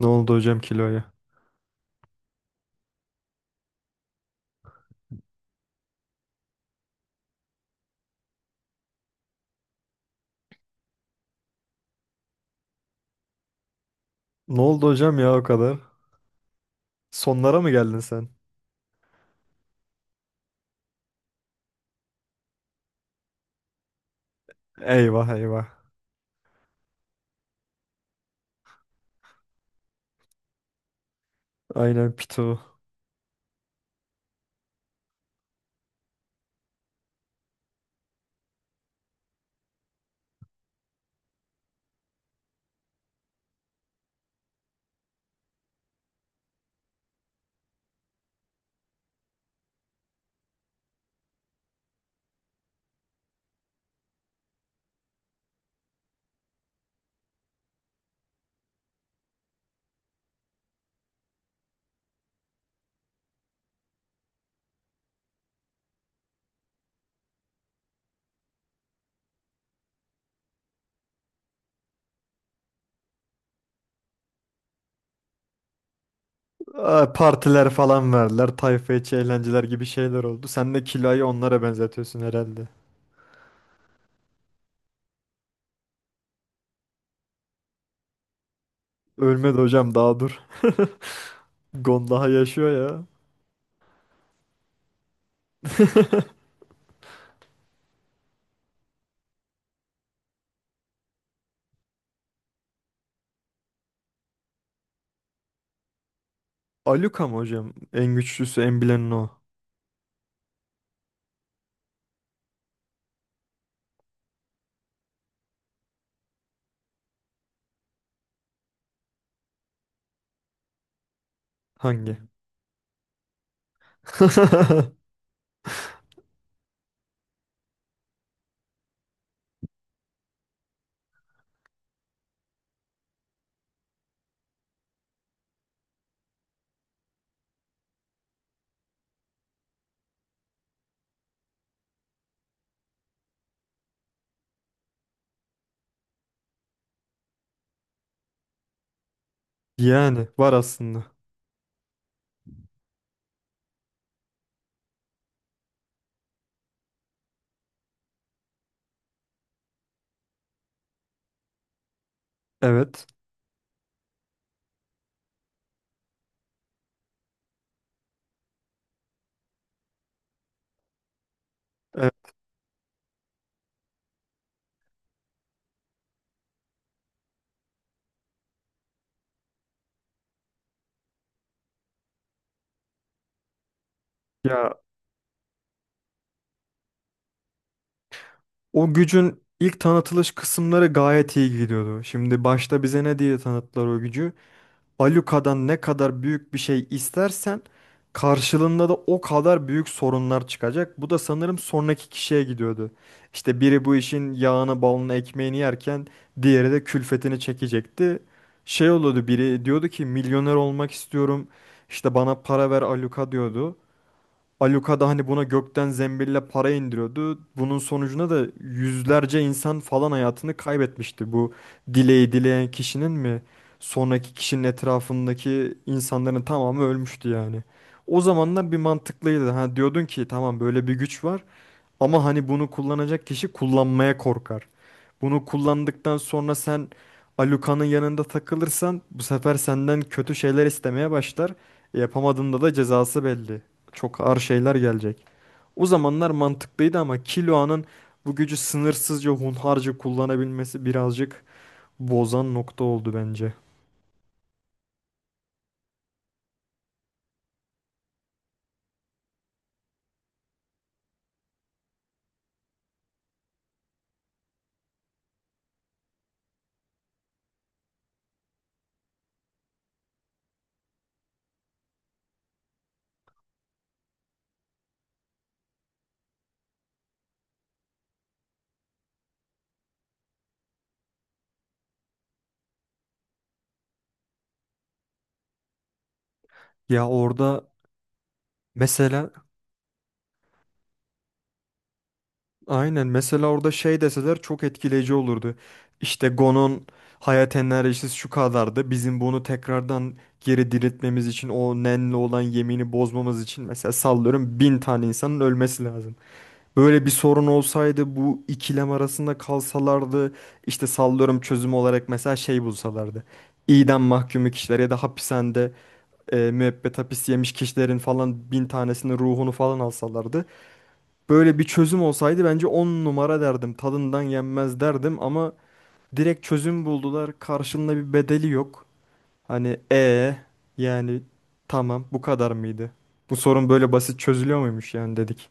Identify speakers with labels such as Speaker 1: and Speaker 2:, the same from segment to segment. Speaker 1: Ne oldu hocam kiloya? Ne oldu hocam ya o kadar? Sonlara mı geldin sen? Eyvah eyvah. Aynen pitu. Aa, partiler falan verdiler. Tayfa içi eğlenceler gibi şeyler oldu. Sen de kiloyu onlara benzetiyorsun herhalde. Ölmedi hocam daha dur. Gon daha yaşıyor ya. Aluka mı hocam? En güçlüsü en bileni o. Hangi? Yani var aslında. Evet. Evet. Ya, o gücün ilk tanıtılış kısımları gayet iyi gidiyordu. Şimdi başta bize ne diye tanıttılar o gücü? Baluka'dan ne kadar büyük bir şey istersen karşılığında da o kadar büyük sorunlar çıkacak. Bu da sanırım sonraki kişiye gidiyordu. İşte biri bu işin yağını, balını, ekmeğini yerken diğeri de külfetini çekecekti. Şey oluyordu, biri diyordu ki milyoner olmak istiyorum. İşte bana para ver Aluka diyordu. Aluka da hani buna gökten zembille para indiriyordu. Bunun sonucunda da yüzlerce insan falan hayatını kaybetmişti. Bu dileği dileyen kişinin mi sonraki kişinin etrafındaki insanların tamamı ölmüştü yani. O zamanlar bir mantıklıydı. Ha, diyordun ki tamam böyle bir güç var ama hani bunu kullanacak kişi kullanmaya korkar. Bunu kullandıktan sonra sen Alucard'ın yanında takılırsan bu sefer senden kötü şeyler istemeye başlar. Yapamadığında da cezası belli. Çok ağır şeyler gelecek. O zamanlar mantıklıydı ama Killuan'ın bu gücü sınırsızca hunharca kullanabilmesi birazcık bozan nokta oldu bence. Ya orada mesela, aynen mesela orada şey deseler çok etkileyici olurdu. İşte Gon'un hayat enerjisi şu kadardı. Bizim bunu tekrardan geri diriltmemiz için o Nen'le olan yemini bozmamız için mesela sallıyorum 1.000 tane insanın ölmesi lazım. Böyle bir sorun olsaydı bu ikilem arasında kalsalardı işte sallıyorum çözüm olarak mesela şey bulsalardı. İdam mahkumu kişiler ya da hapishanede müebbet hapis yemiş kişilerin falan 1.000 tanesinin ruhunu falan alsalardı. Böyle bir çözüm olsaydı bence 10 numara derdim. Tadından yenmez derdim ama direkt çözüm buldular. Karşılığında bir bedeli yok. Hani yani tamam bu kadar mıydı? Bu sorun böyle basit çözülüyor muymuş yani dedik.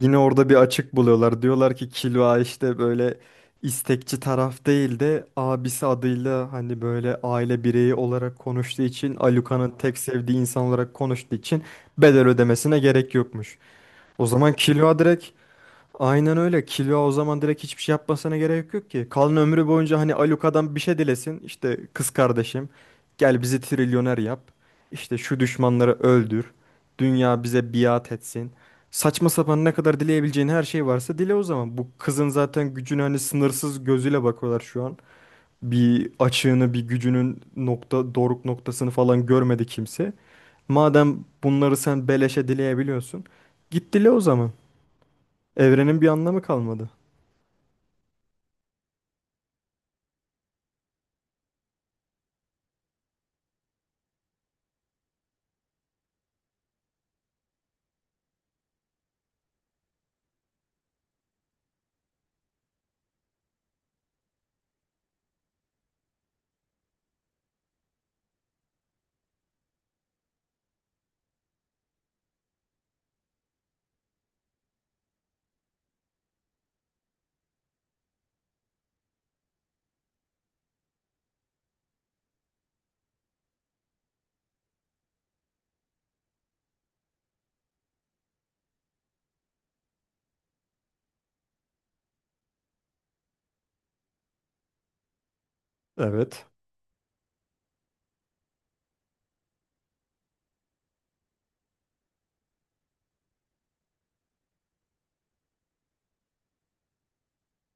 Speaker 1: Yine orada bir açık buluyorlar. Diyorlar ki Kilva işte böyle istekçi taraf değil de abisi adıyla hani böyle aile bireyi olarak konuştuğu için, Aluka'nın tek sevdiği insan olarak konuştuğu için bedel ödemesine gerek yokmuş. O zaman Kilva direkt, aynen öyle. Killua o zaman direkt hiçbir şey yapmasına gerek yok ki. Kalan ömrü boyunca hani Alucard'dan bir şey dilesin. İşte kız kardeşim gel bizi trilyoner yap. İşte şu düşmanları öldür. Dünya bize biat etsin. Saçma sapan ne kadar dileyebileceğin her şey varsa dile o zaman. Bu kızın zaten gücüne hani sınırsız gözüyle bakıyorlar şu an. Bir açığını, bir gücünün nokta doruk noktasını falan görmedi kimse. Madem bunları sen beleşe dileyebiliyorsun, git dile o zaman. Evrenin bir anlamı kalmadı. Evet.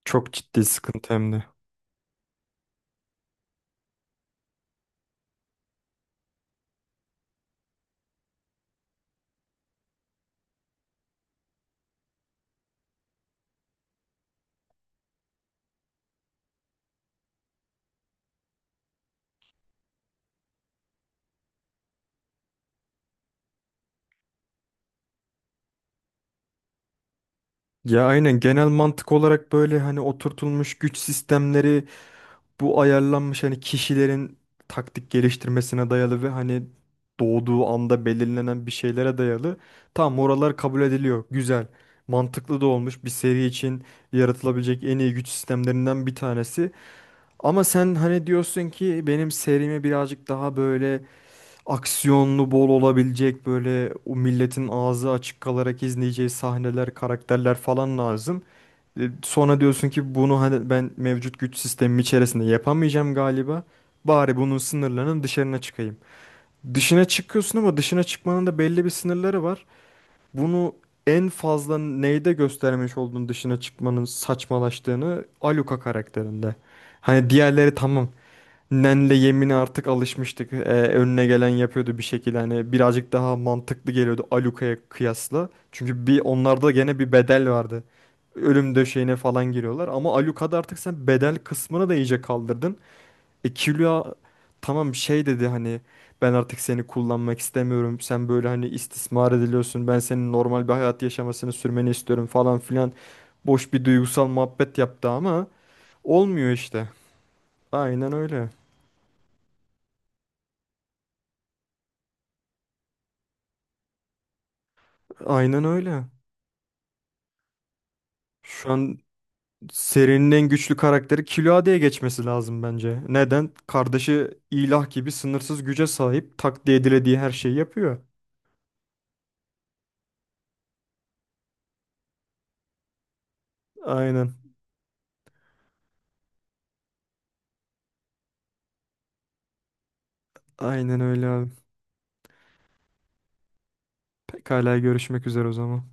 Speaker 1: Çok ciddi sıkıntı hem de. Ya aynen, genel mantık olarak böyle hani oturtulmuş güç sistemleri, bu ayarlanmış hani kişilerin taktik geliştirmesine dayalı ve hani doğduğu anda belirlenen bir şeylere dayalı. Tamam oralar kabul ediliyor. Güzel. Mantıklı da olmuş, bir seri için yaratılabilecek en iyi güç sistemlerinden bir tanesi. Ama sen hani diyorsun ki benim serimi birazcık daha böyle aksiyonlu bol olabilecek, böyle o milletin ağzı açık kalarak izleyeceği sahneler, karakterler falan lazım. Sonra diyorsun ki bunu hani ben mevcut güç sistemim içerisinde yapamayacağım galiba. Bari bunun sınırlarının dışarına çıkayım. Dışına çıkıyorsun ama dışına çıkmanın da belli bir sınırları var. Bunu en fazla neyde göstermiş olduğun dışına çıkmanın saçmalaştığını Aluka karakterinde. Hani diğerleri tamam. Nenle yemine artık alışmıştık. Önüne gelen yapıyordu bir şekilde. Hani birazcık daha mantıklı geliyordu Aluka'ya kıyasla. Çünkü bir onlarda gene bir bedel vardı. Ölüm döşeğine falan giriyorlar. Ama Aluka'da artık sen bedel kısmını da iyice kaldırdın. Killua tamam şey dedi hani ben artık seni kullanmak istemiyorum. Sen böyle hani istismar ediliyorsun. Ben senin normal bir hayat yaşamasını sürmeni istiyorum falan filan. Boş bir duygusal muhabbet yaptı ama olmuyor işte. Aynen öyle. Aynen öyle. Şu an serinin en güçlü karakteri Killua geçmesi lazım bence. Neden? Kardeşi ilah gibi sınırsız güce sahip. Takdir edilediği her şeyi yapıyor. Aynen. Aynen öyle abi. Pekala görüşmek üzere o zaman.